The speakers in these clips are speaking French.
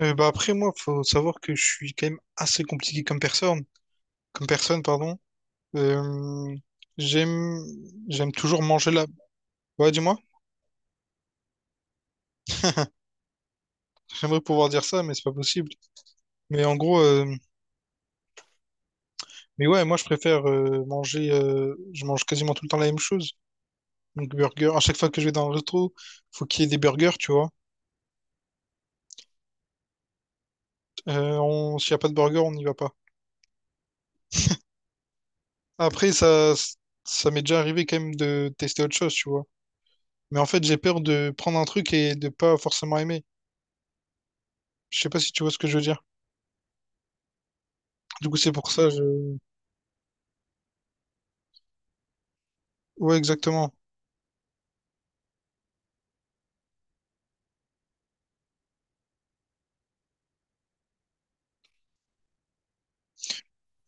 Bah après moi, faut savoir que je suis quand même assez compliqué comme personne, pardon. Euh, j'aime, j'aime toujours manger la. Ouais, dis-moi, j'aimerais pouvoir dire ça, mais c'est pas possible. Mais en gros, mais ouais, moi je préfère manger. Je mange quasiment tout le temps la même chose. Donc burger. À chaque fois que je vais dans un resto, faut qu'il y ait des burgers, tu vois. S'il y a pas de burger, on n'y va pas. Après, ça m'est déjà arrivé quand même de tester autre chose, tu vois. Mais en fait, j'ai peur de prendre un truc et de pas forcément aimer. Je sais pas si tu vois ce que je veux dire. Du coup, c'est pour ça, je... Ouais, exactement.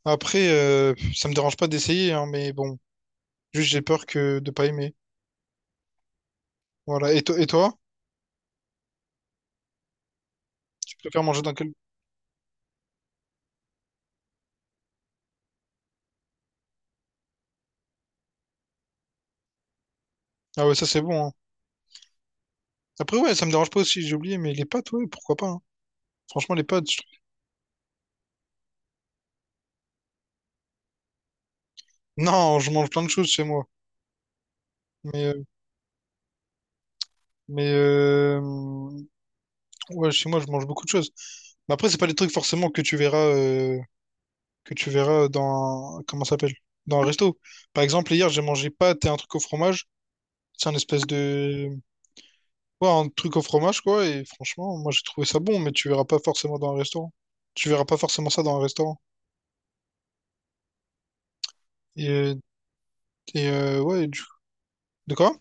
Après, ça me dérange pas d'essayer, hein, mais bon, juste j'ai peur que de pas aimer. Voilà. Et, et toi, tu préfères manger dans quel... Ah ouais, ça c'est bon, hein. Après, ouais, ça me dérange pas aussi, j'ai oublié, mais les pâtes, ouais, pourquoi pas, hein. Franchement, les pâtes, je... Non, je mange plein de choses chez moi. Mais, euh, mais ouais, chez moi, je mange beaucoup de choses. Mais après, c'est pas des trucs forcément que tu verras, que tu verras dans... Comment ça s'appelle? Dans un resto. Par exemple, hier, j'ai mangé pâtes et un truc au fromage. C'est un espèce de... Ouais, un truc au fromage, quoi. Et franchement, moi, j'ai trouvé ça bon, mais tu verras pas forcément dans un restaurant. Tu verras pas forcément ça dans un restaurant. Et, euh, et ouais, du... De quoi?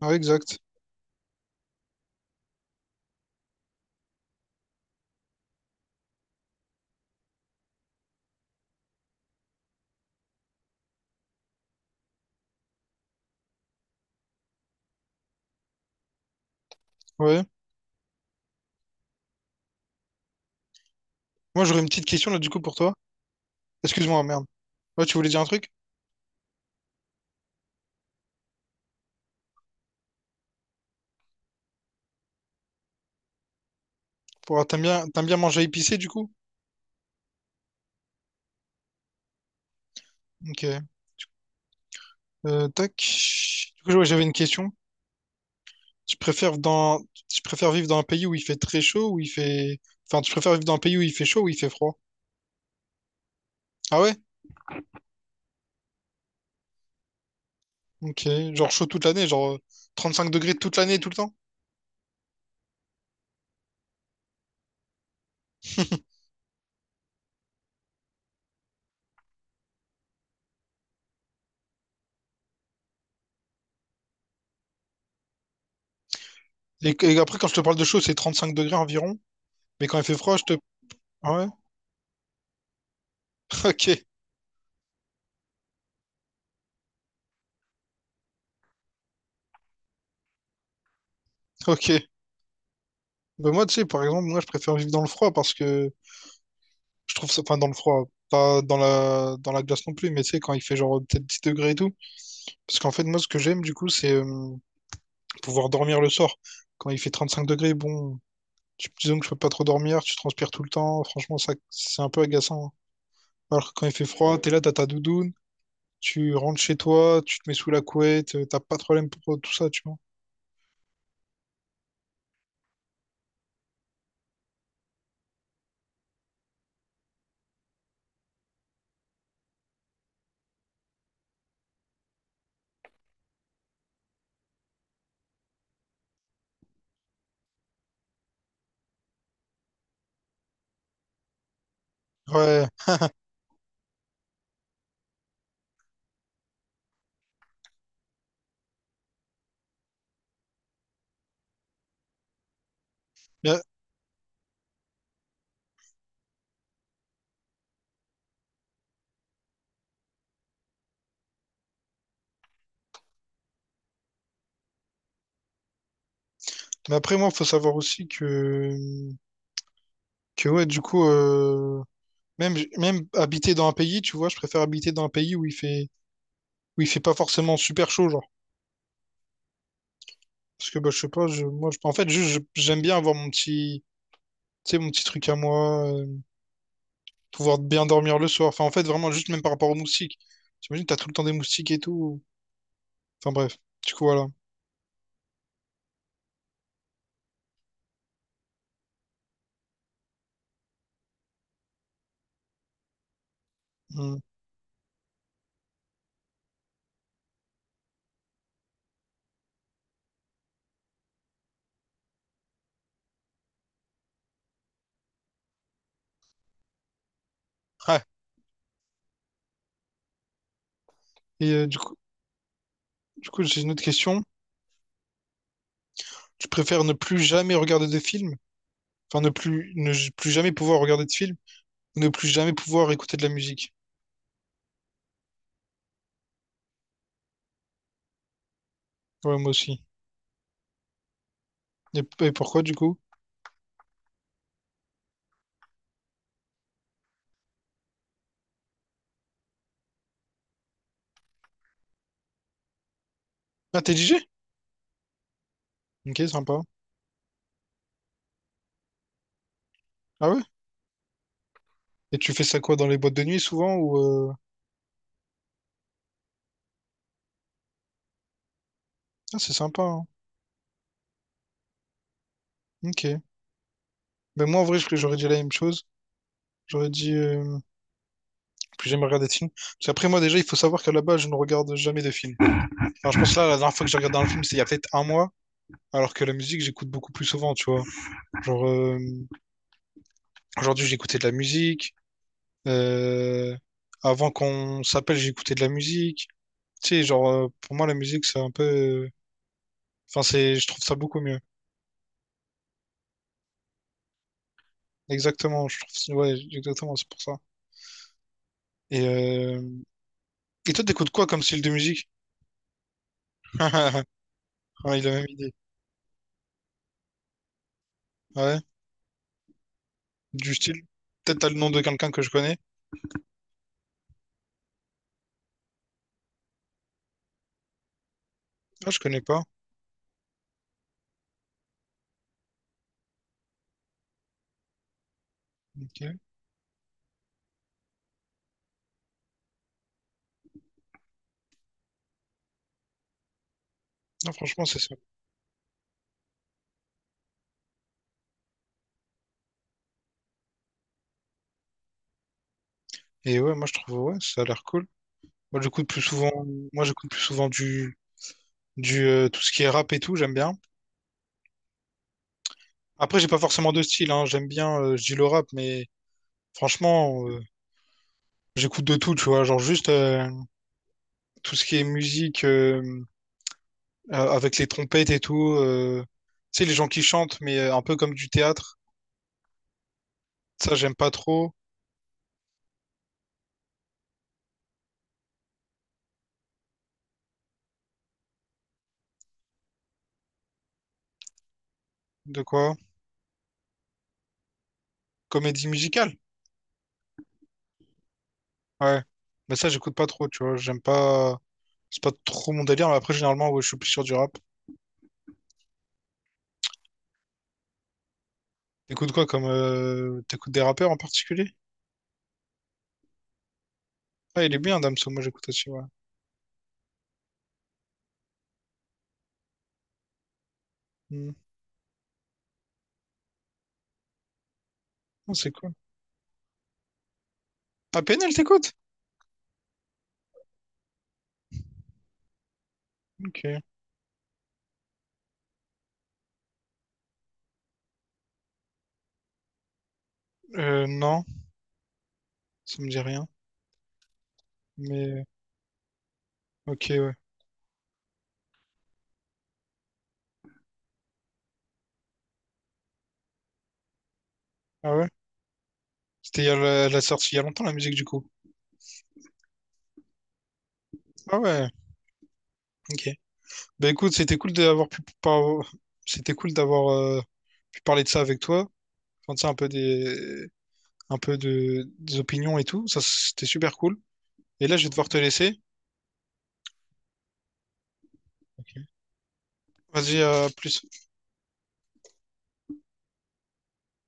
Ouais, exact. Ouais. Moi, j'aurais une petite question, là, du coup, pour toi. Excuse-moi, merde. Ouais, tu voulais dire un truc? T'aimes bien manger épicé, du coup? Ok. Tac. Du coup, ouais, j'avais une question. Tu préfères dans... Tu préfères vivre dans un pays où il fait très chaud, où il fait... Enfin, tu préfères vivre dans un pays où il fait chaud, où il fait froid? Ah ouais? Ok, genre chaud toute l'année, genre 5 degrés toute l'année, tout le temps. Et après, quand je te parle de chaud, c'est 35 degrés environ. Mais quand il fait froid, je te... Ah ouais? Ok, ok. Bah moi, tu sais, par exemple, moi, je préfère vivre dans le froid parce que je trouve ça... Enfin, dans le froid, pas dans la, dans la glace non plus, mais tu sais, quand il fait genre peut-être 10 degrés et tout. Parce qu'en fait, moi, ce que j'aime, du coup, c'est pouvoir dormir le soir. Quand il fait 35 degrés, bon, disons que je peux pas trop dormir, tu transpires tout le temps. Franchement, ça, c'est un peu agaçant, hein. Alors que quand il fait froid, t'es là, t'as ta doudoune. Tu rentres chez toi, tu te mets sous la couette, t'as pas de problème pour tout ça, tu vois. Ouais. Mais, mais après, moi, faut savoir aussi que ouais, du coup, même, même habiter dans un pays, tu vois, je préfère habiter dans un pays où il fait pas forcément super chaud, genre. Parce que, bah, je sais pas, je, moi, je, en fait, juste, j'aime bien avoir mon petit, tu sais, mon petit truc à moi, pouvoir bien dormir le soir. Enfin, en fait, vraiment, juste même par rapport aux moustiques. T'imagines, t'as tout le temps des moustiques et tout. Enfin, bref. Du coup, voilà. Hmm. Ouais. Et du coup, j'ai une autre question. Tu préfères ne plus jamais regarder de films? Enfin, ne plus, ne j- plus jamais pouvoir regarder de films? Ou ne plus jamais pouvoir écouter de la musique? Ouais, moi aussi. Et pourquoi, du coup? Ah, t'es DJ? Ok, sympa. Ah ouais? Et tu fais ça quoi, dans les boîtes de nuit, souvent, ou... Ah, c'est sympa, hein. Ok. Ben moi, en vrai, j'aurais dit la même chose. J'aurais dit... Plus jamais regarder de films. Parce qu'après, moi, déjà, il faut savoir qu'à la base, je ne regarde jamais de films. Alors, je pense là, la dernière fois que j'ai regardé un film, c'est il y a peut-être un mois. Alors que la musique, j'écoute beaucoup plus souvent, tu vois. Genre, aujourd'hui, j'ai écouté de la musique. Euh, Avant qu'on s'appelle, j'écoutais de la musique. Tu sais, genre, pour moi, la musique, c'est un peu. Enfin, c'est, je trouve ça beaucoup mieux. Exactement, je trouve. Ouais, exactement, c'est pour ça. Et, euh... Et toi, t'écoutes quoi comme style de musique? Ah, il a la même idée. Ouais, du style. Peut-être t'as le nom de quelqu'un que je connais. Ah, je connais pas. Ok. Non, franchement, c'est ça. Et ouais, moi, je trouve, ouais, ça a l'air cool. Moi, j'écoute plus souvent. Moi, j'écoute plus souvent du. Du tout ce qui est rap et tout, j'aime bien. Après, j'ai pas forcément de style, hein. J'aime bien, je dis le rap, mais franchement, j'écoute de tout, tu vois, genre juste tout ce qui est musique avec les trompettes et tout. Tu sais, les gens qui chantent, mais un peu comme du théâtre. Ça, j'aime pas trop. De quoi? Comédie musicale. Ouais. Mais ça, j'écoute pas trop, tu vois. J'aime pas. C'est pas trop mon délire, mais après, généralement, ouais, je suis plus sur du rap. T'écoutes quoi comme. T'écoutes des rappeurs en particulier? Ah, il est bien, Damso, moi j'écoute aussi, ouais. Hmm. Oh, c'est cool. Ah, PNL, t'écoutes? Ok. Non, ça me dit rien. Mais. Ok, ouais. Ah ouais? C'était il y a la, la sortie il y a longtemps la musique du coup. Ah ouais, ok. Bah écoute, c'était cool d'avoir c'était cool d'avoir pu parler de ça avec toi. Enfin, tu sais, un peu des un peu de des opinions et tout. Ça c'était super cool. Et là, je vais devoir te laisser. Vas-y, à plus.